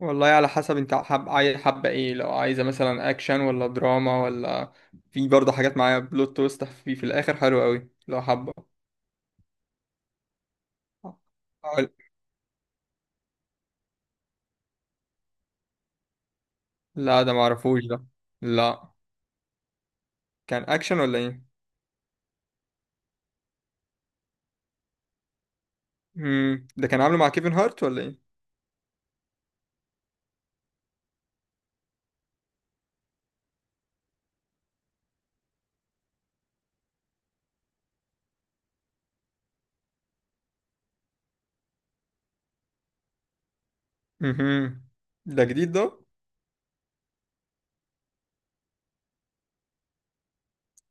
والله، على حسب انت، حب عايز حابة ايه؟ لو عايزة مثلا اكشن ولا دراما ولا. في برضه حاجات معايا بلوت تويست في الاخر حلو قوي لو حابة. أقول- لا، ده معرفوش ده. لا. كان اكشن ولا ايه؟ ده كان عامله مع كيفن هارت ولا ايه؟ امم ده جديد ده؟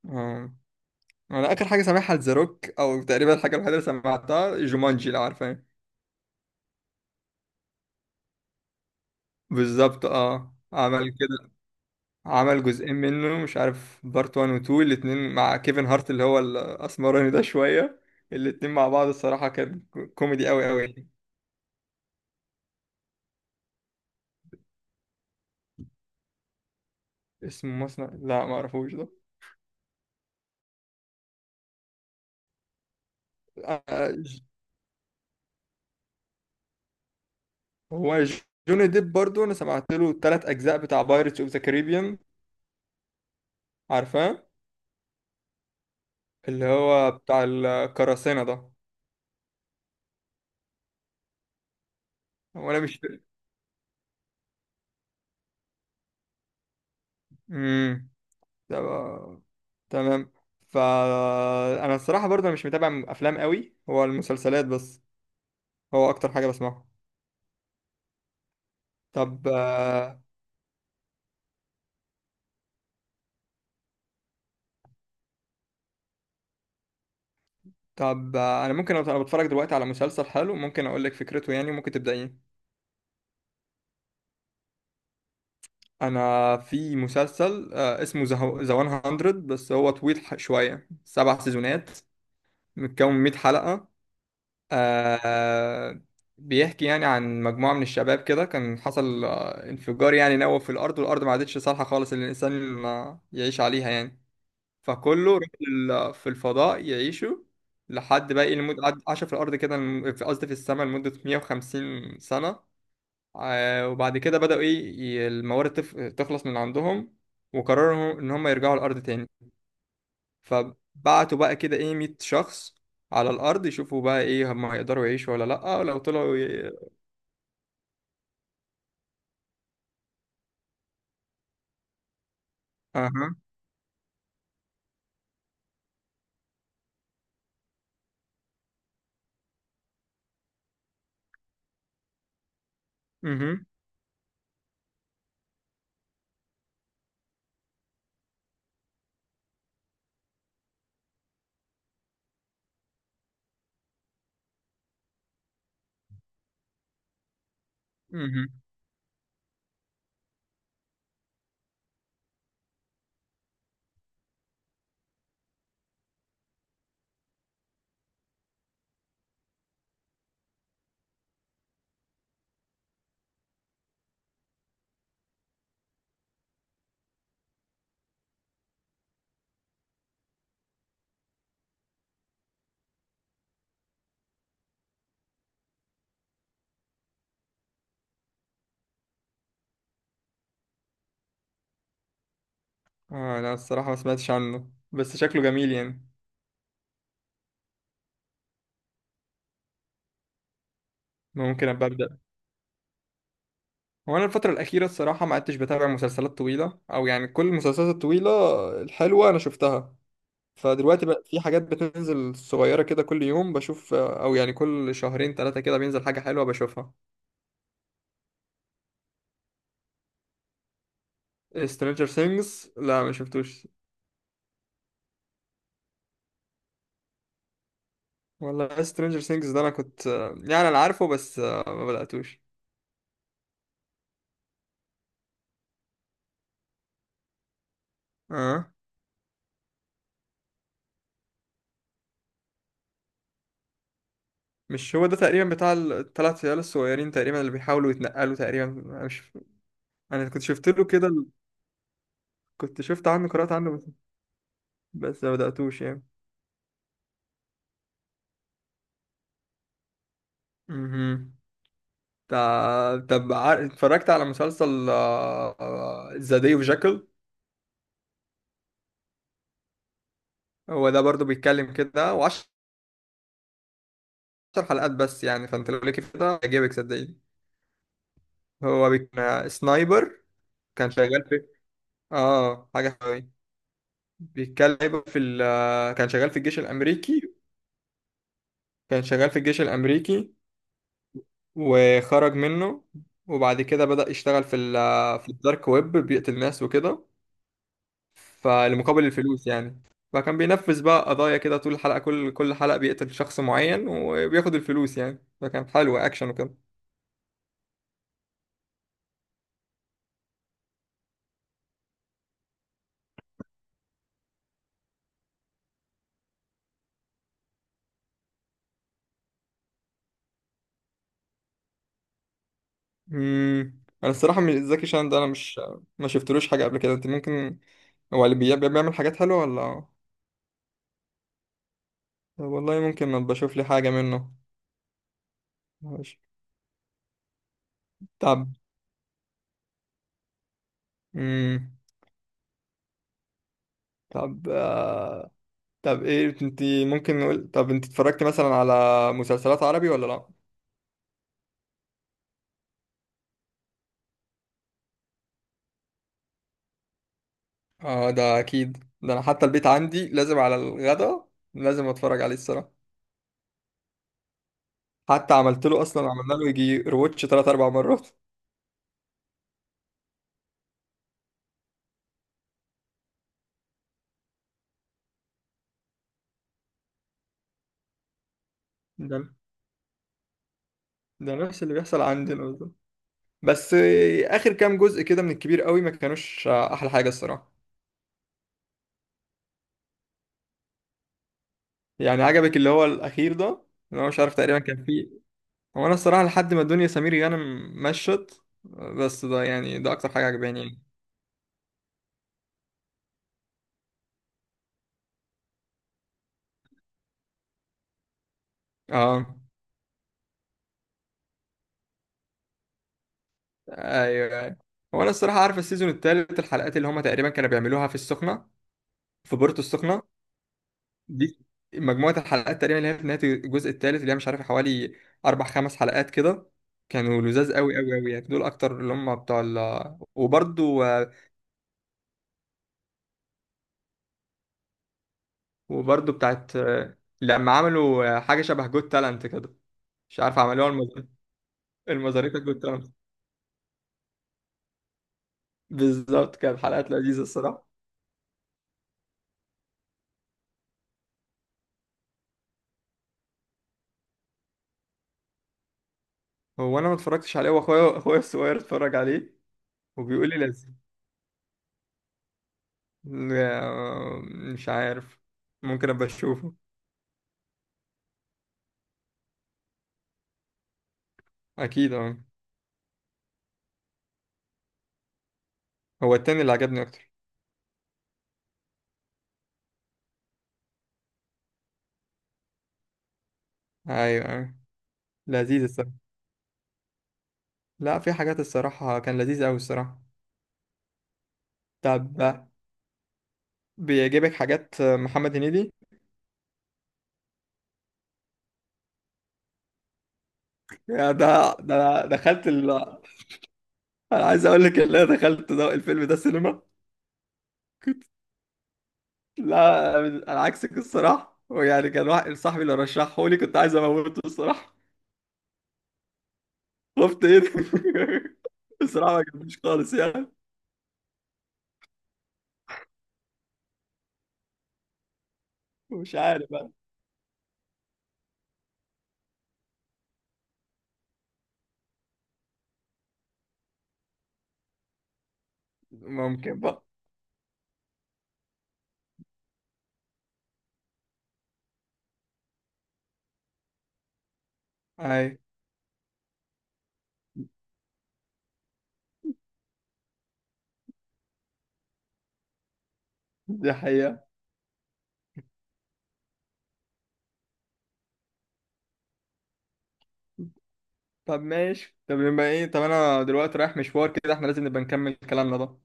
اه، انا اخر حاجة سامعها ذا روك، او تقريبا الحاجة الوحيدة اللي سمعتها جومانجي، لو عارفة. بالظبط، اه، عمل كده. عمل جزئين منه، مش عارف، بارت 1 و 2، الاتنين مع كيفن هارت اللي هو الاسمراني ده شوية. الاتنين مع بعض الصراحة كان كوميدي قوي قوي يعني. اسمه مصنع؟ لا، ما اعرفوش ده. آه، ج- هو جوني ديب برضو انا سمعت له التلات اجزاء بتاع بايرتس اوف ذا كاريبيان. عارفاه؟ اللي هو بتاع القراصنة ده. هو انا مش... امم ده بقى- تمام. فانا الصراحة برضو أنا مش متابع افلام قوي، هو المسلسلات بس هو اكتر حاجة بسمعها. طب، طب، انا ممكن أنا بتفرج دلوقتي على مسلسل حلو، ممكن اقول لك فكرته يعني ممكن تبدأيه. انا في مسلسل، اسمه ذا 100، بس هو طويل شوية، سبع سيزونات، متكون من 100 حلقة. آه، بيحكي يعني عن مجموعة من الشباب كده، كان حصل انفجار يعني نووي في الارض، والارض ما عادتش صالحة خالص ان الانسان يعيش عليها يعني. في الفضاء يعيشوا. لحد بقى، لمدة عاشوا في الأرض كده قصدي في السماء لمدة 150 سنة. وبعد كده بدأوا إيه، الموارد تخلص من عندهم، وقرروا إن هم يرجعوا الأرض تاني. فبعتوا بقى كده إيه 100 شخص على الأرض يشوفوا بقى إيه، هم هيقدروا يعيشوا ولا لأ، ولو طلعوا أها، أها، أها. أنا الصراحة ما سمعتش عنه بس شكله جميل يعني. ممكن أبقى أبدأ. هو انا الفترة الأخيرة الصراحة ما عدتش بتابع مسلسلات طويلة، أو يعني كل المسلسلات الطويلة الحلوة أنا شفتها. فدلوقتي بقى في حاجات بتنزل صغيرة كده كل يوم بشوف، أو يعني كل شهرين ثلاثة كده بينزل حاجة حلوة بشوفها. Stranger Things لا، ما شفتوش. والله Stranger Things ده أنا كنت، يعني أنا عارفه بس ما بدأتوش. أه، مش هو ده تقريبا بتاع الثلاث عيال الصغيرين تقريبا اللي بيحاولوا يتنقلوا تقريبا؟ أنا مش أنا كنت شفت له كده، كنت شفت عنه، قرأت عنه بس، بس ما بدأتوش يعني. مهم. طب، اتفرجت على مسلسل، ذا داي اوف جاكل. هو ده برضو بيتكلم كده، وعشر حلقات بس يعني، فانت لو ليك كده هيعجبك صدقني. هو بيك... آه، سنايبر، كان شغال في... اه حاجة حلوة. بيتكلم في ال... آه، كان شغال في الجيش الأمريكي. كان شغال في الجيش الأمريكي وخرج منه، وبعد كده بدأ يشتغل في ال... آه، في الدارك ويب بيقتل ناس وكده. فالمقابل الفلوس يعني. فكان بينفذ بقى قضايا كده طول الحلقة، كل حلقة بيقتل شخص معين وبياخد الفلوس يعني، فكان حلو، أكشن وكده. أنا الصراحة من زكي شان ده أنا مش، ما شفتلوش حاجة قبل كده. أنت ممكن، هو اللي بيعمل حاجات حلوة ولا؟ والله ممكن ما بشوف لي حاجة منه. ماشي. طب، امم طب، طب ايه انت، ممكن نقول، طب انت اتفرجت مثلا على مسلسلات عربي ولا لا؟ اه ده اكيد ده، انا حتى البيت عندي لازم على الغدا لازم اتفرج عليه الصراحه. حتى عملت له، اصلا عملنا له يجي روتش ثلاث اربع مرات. ده ده نفس اللي بيحصل عندنا بالظبط. بس اخر كام جزء كده من الكبير قوي ما كانوش احلى حاجه الصراحه. يعني عجبك اللي هو الاخير ده؟ اللي هو، مش عارف، تقريبا كان فيه. هو انا الصراحه لحد ما الدنيا سمير غانم مشت، بس ده يعني ده اكتر حاجه عجباني يعني. اه، ايوه، ايوه. هو انا الصراحه عارف السيزون الثالث، الحلقات اللي هما تقريبا كانوا بيعملوها في السخنه، في بورتو السخنة دي، مجموعة الحلقات تقريبا اللي هي في نهاية الجزء الثالث اللي هي، مش عارف، حوالي أربع خمس حلقات كده، كانوا لذاذ قوي قوي قوي يعني. دول أكتر اللي هم بتوع ال... وبرضو. بتاعت لما عملوا حاجة شبه جود تالنت كده، مش عارف عملوها، المزاريطة جود تالنت. بالظبط، كانت حلقات لذيذة الصراحة. هو أنا ما اتفرجتش عليه، وأخويا الصغير اتفرج عليه، وبيقول لي لازم، آه، مش عارف، ممكن أبقى أشوفه. أكيد، أه. هو التاني اللي عجبني أكتر. ايوه، ايوه، لذيذ الصراحه. لا، في حاجات الصراحه كان لذيذ قوي الصراحه. طب، بيعجبك حاجات محمد هنيدي؟ يا ده أنا دخلت انا عايز اقول لك ان انا دخلت ده، الفيلم ده السينما. كنت لا، انا عكسك الصراحه، ويعني كان واحد صاحبي اللي رشحه لي كنت عايز اموته الصراحه. خفت ايه ده؟ الصراحه ما عجبنيش خالص يعني. مش عارف بقى. ممكن بقى. اي. دي حقيقه. طب ماشي، طب يبقى ايه، طب انا دلوقتي رايح مشوار كده، احنا لازم نبقى نكمل كلامنا ده.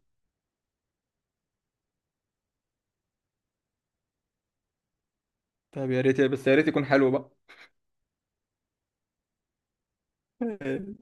طب يا ريت، بس يا ريت يكون حلو بقى.